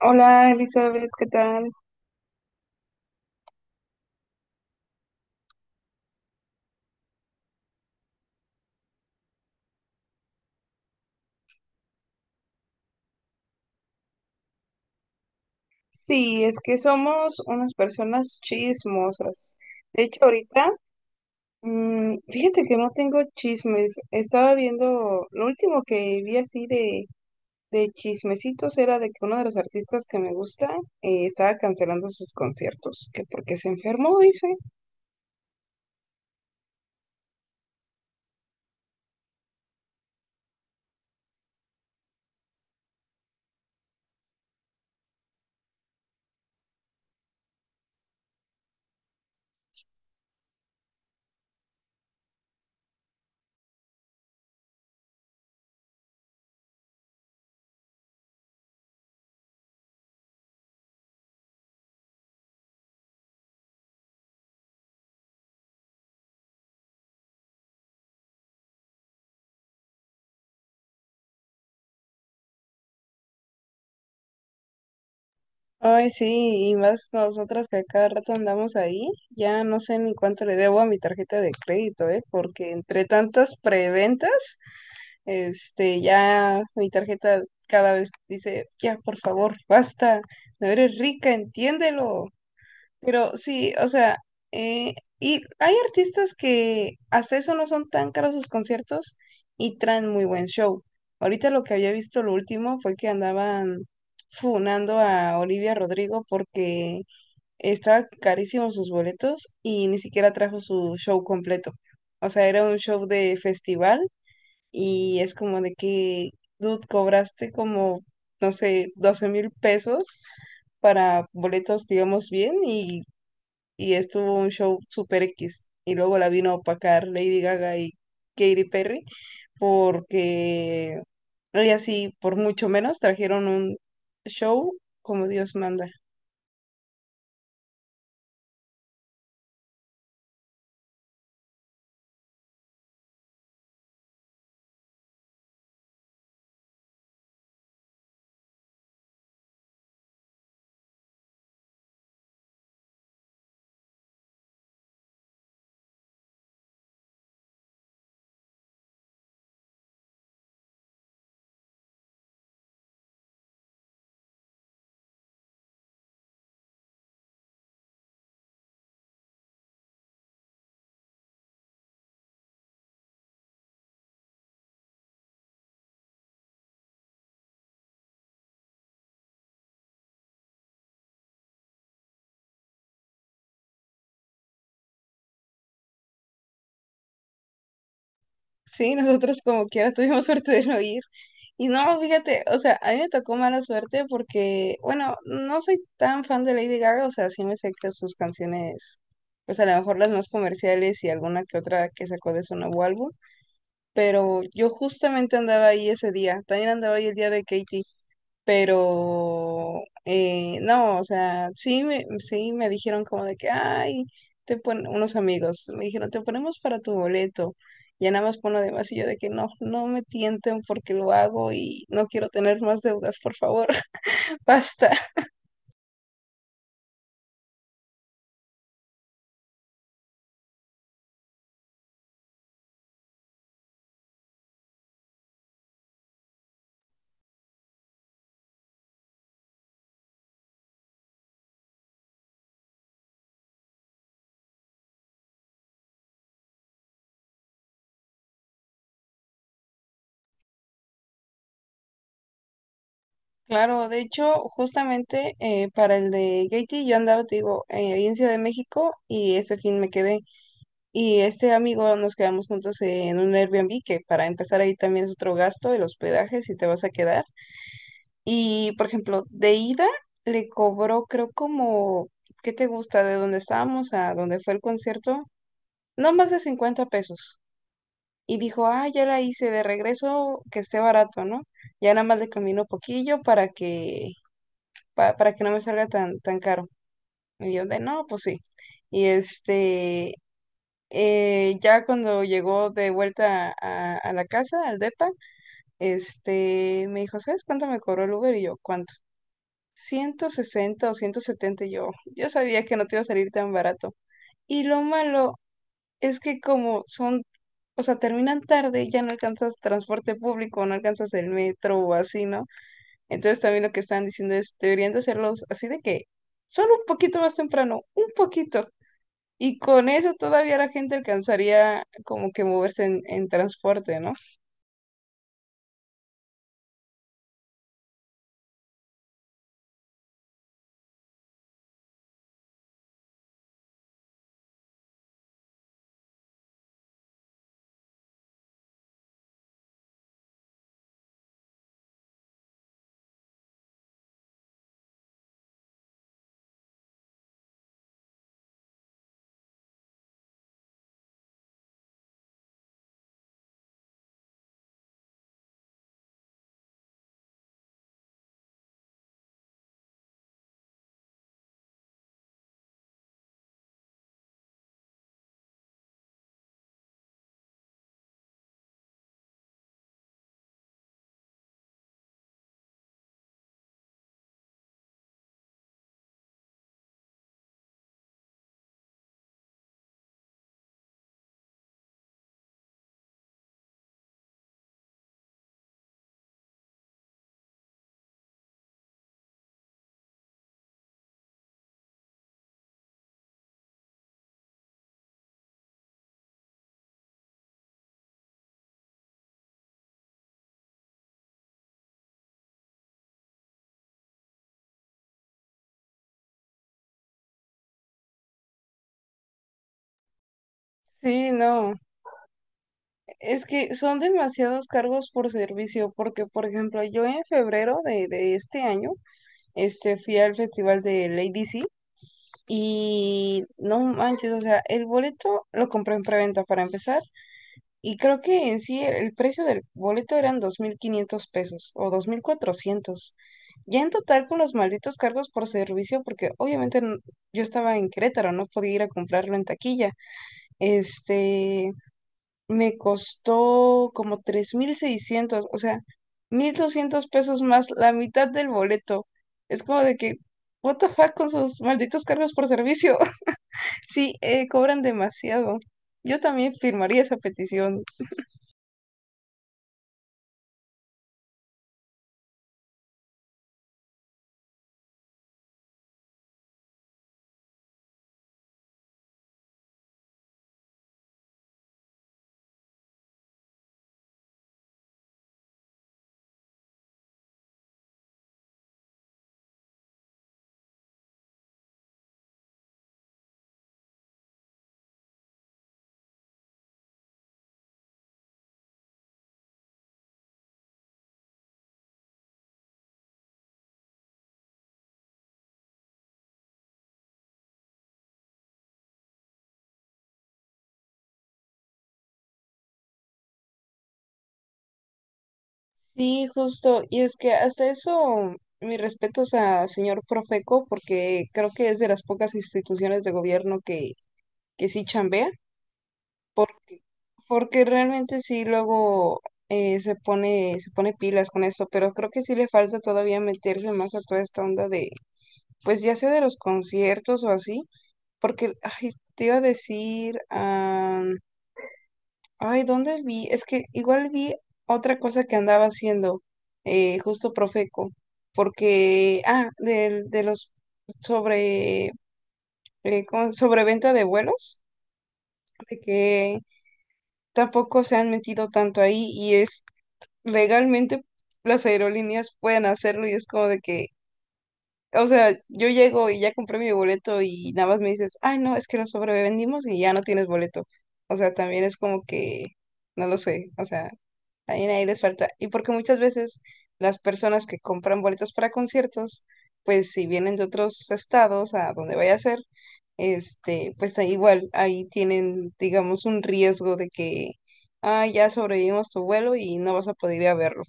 Hola Elizabeth, ¿qué tal? Sí, es que somos unas personas chismosas. De hecho, ahorita, fíjate que no tengo chismes. Estaba viendo, lo último que vi así de chismecitos era de que uno de los artistas que me gusta estaba cancelando sus conciertos, que porque se enfermó, dice. Ay, sí, y más nosotras que a cada rato andamos ahí, ya no sé ni cuánto le debo a mi tarjeta de crédito, ¿eh? Porque entre tantas preventas... Este, ya mi tarjeta cada vez dice, ya, por favor, basta, no eres rica, entiéndelo. Pero sí, o sea, eh, y hay artistas que hasta eso no son tan caros sus conciertos y traen muy buen show. Ahorita lo que había visto lo último fue que andaban funando a Olivia Rodrigo porque estaba carísimo sus boletos y ni siquiera trajo su show completo. O sea, era un show de festival y es como de que, dude, cobraste como, no sé, 12,000 pesos para boletos, digamos, bien, y estuvo un show super X. Y luego la vino a opacar Lady Gaga y Katy Perry, porque ellas sí, por mucho menos, trajeron un show como Dios manda. Sí, nosotros como quiera tuvimos suerte de no ir. Y no, fíjate, o sea, a mí me tocó mala suerte porque, bueno, no soy tan fan de Lady Gaga, o sea, sí me sé que sus canciones, pues a lo mejor las más comerciales y alguna que otra que sacó de su nuevo álbum, pero yo justamente andaba ahí ese día, también andaba ahí el día de Katie, pero no, o sea, sí me dijeron como de que, ay, te pon unos amigos, me dijeron, te ponemos para tu boleto, ya nada más pon lo demás, y yo de que no, no me tienten porque lo hago y no quiero tener más deudas, por favor, basta. Claro, de hecho, justamente para el de Katie yo andaba, te digo, ahí en Ciudad de México y ese fin me quedé. Y este amigo nos quedamos juntos en un Airbnb, que para empezar ahí también es otro gasto, el hospedaje, si te vas a quedar. Y, por ejemplo, de ida le cobró, creo, como, ¿qué te gusta? De donde estábamos a donde fue el concierto, no más de 50 pesos. Y dijo, ah, ya la hice de regreso, que esté barato, ¿no? Ya nada más le camino poquillo para que, para que no me salga tan caro. Y yo de, no, pues sí. Y este, ya cuando llegó de vuelta a la casa, al depa, este, me dijo, ¿sabes cuánto me cobró el Uber? Y yo, ¿cuánto? 160 o 170. Y yo sabía que no te iba a salir tan barato. Y lo malo es que como son, o sea, terminan tarde, ya no alcanzas transporte público, no alcanzas el metro o así, ¿no? Entonces también lo que estaban diciendo es, deberían de hacerlos así de que solo un poquito más temprano, un poquito. Y con eso todavía la gente alcanzaría como que moverse en transporte, ¿no? Sí, no. Es que son demasiados cargos por servicio, porque por ejemplo, yo en febrero de este año, este, fui al festival de Lady C y no manches, o sea, el boleto lo compré en preventa para empezar. Y creo que en sí el precio del boleto eran 2,500 pesos o 2,400. Ya en total con los malditos cargos por servicio, porque obviamente yo estaba en Querétaro, no podía ir a comprarlo en taquilla. Este, me costó como 3,600, o sea, 1,200 pesos más la mitad del boleto. Es como de que, what the fuck con sus malditos cargos por servicio. Sí, cobran demasiado. Yo también firmaría esa petición. Sí, justo. Y es que hasta eso, mis respetos a señor Profeco, porque creo que es de las pocas instituciones de gobierno que sí chambea, porque, porque realmente sí luego se pone pilas con esto, pero creo que sí le falta todavía meterse más a toda esta onda de, pues ya sea de los conciertos o así, porque, ay, te iba a decir, ay, ¿dónde vi? Es que igual vi otra cosa que andaba haciendo, justo Profeco, porque, ah, los sobre, ¿cómo? Sobreventa de vuelos, de que tampoco se han metido tanto ahí y es legalmente las aerolíneas pueden hacerlo y es como de que, o sea, yo llego y ya compré mi boleto y nada más me dices, ay, no, es que lo sobrevendimos y ya no tienes boleto. O sea, también es como que, no lo sé, o sea. También ahí les falta. Y porque muchas veces las personas que compran boletos para conciertos, pues si vienen de otros estados a donde vaya a ser, este, pues ahí igual, ahí tienen, digamos, un riesgo de que, ah, ya sobrevivimos tu vuelo y no vas a poder ir a verlo.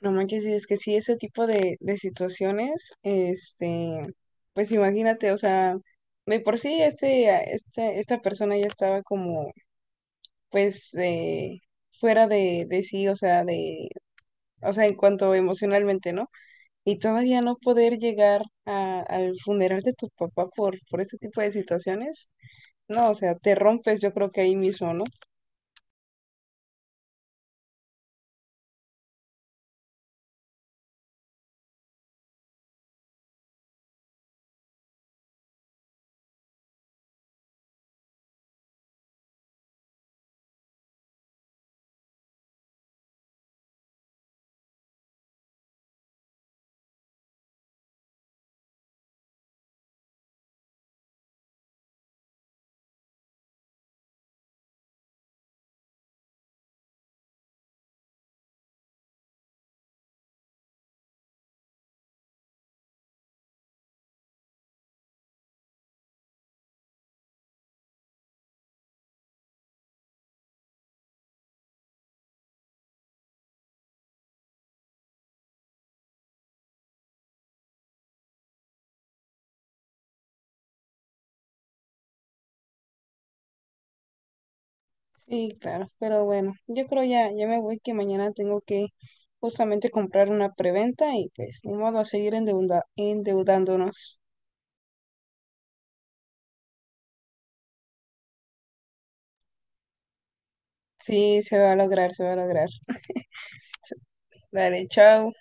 No manches, y es que sí, ese tipo de situaciones, este, pues imagínate, o sea, de por sí este, este, esta persona ya estaba como, pues, fuera de sí, o sea, de o sea, en cuanto emocionalmente, ¿no? Y todavía no poder llegar al funeral de tu papá por este tipo de situaciones, no, o sea, te rompes yo creo que ahí mismo, ¿no? Sí, claro, pero bueno, yo creo ya me voy que mañana tengo que justamente comprar una preventa y pues ni modo a seguir endeudándonos. Sí, se va a lograr, se va a lograr. Dale, chao.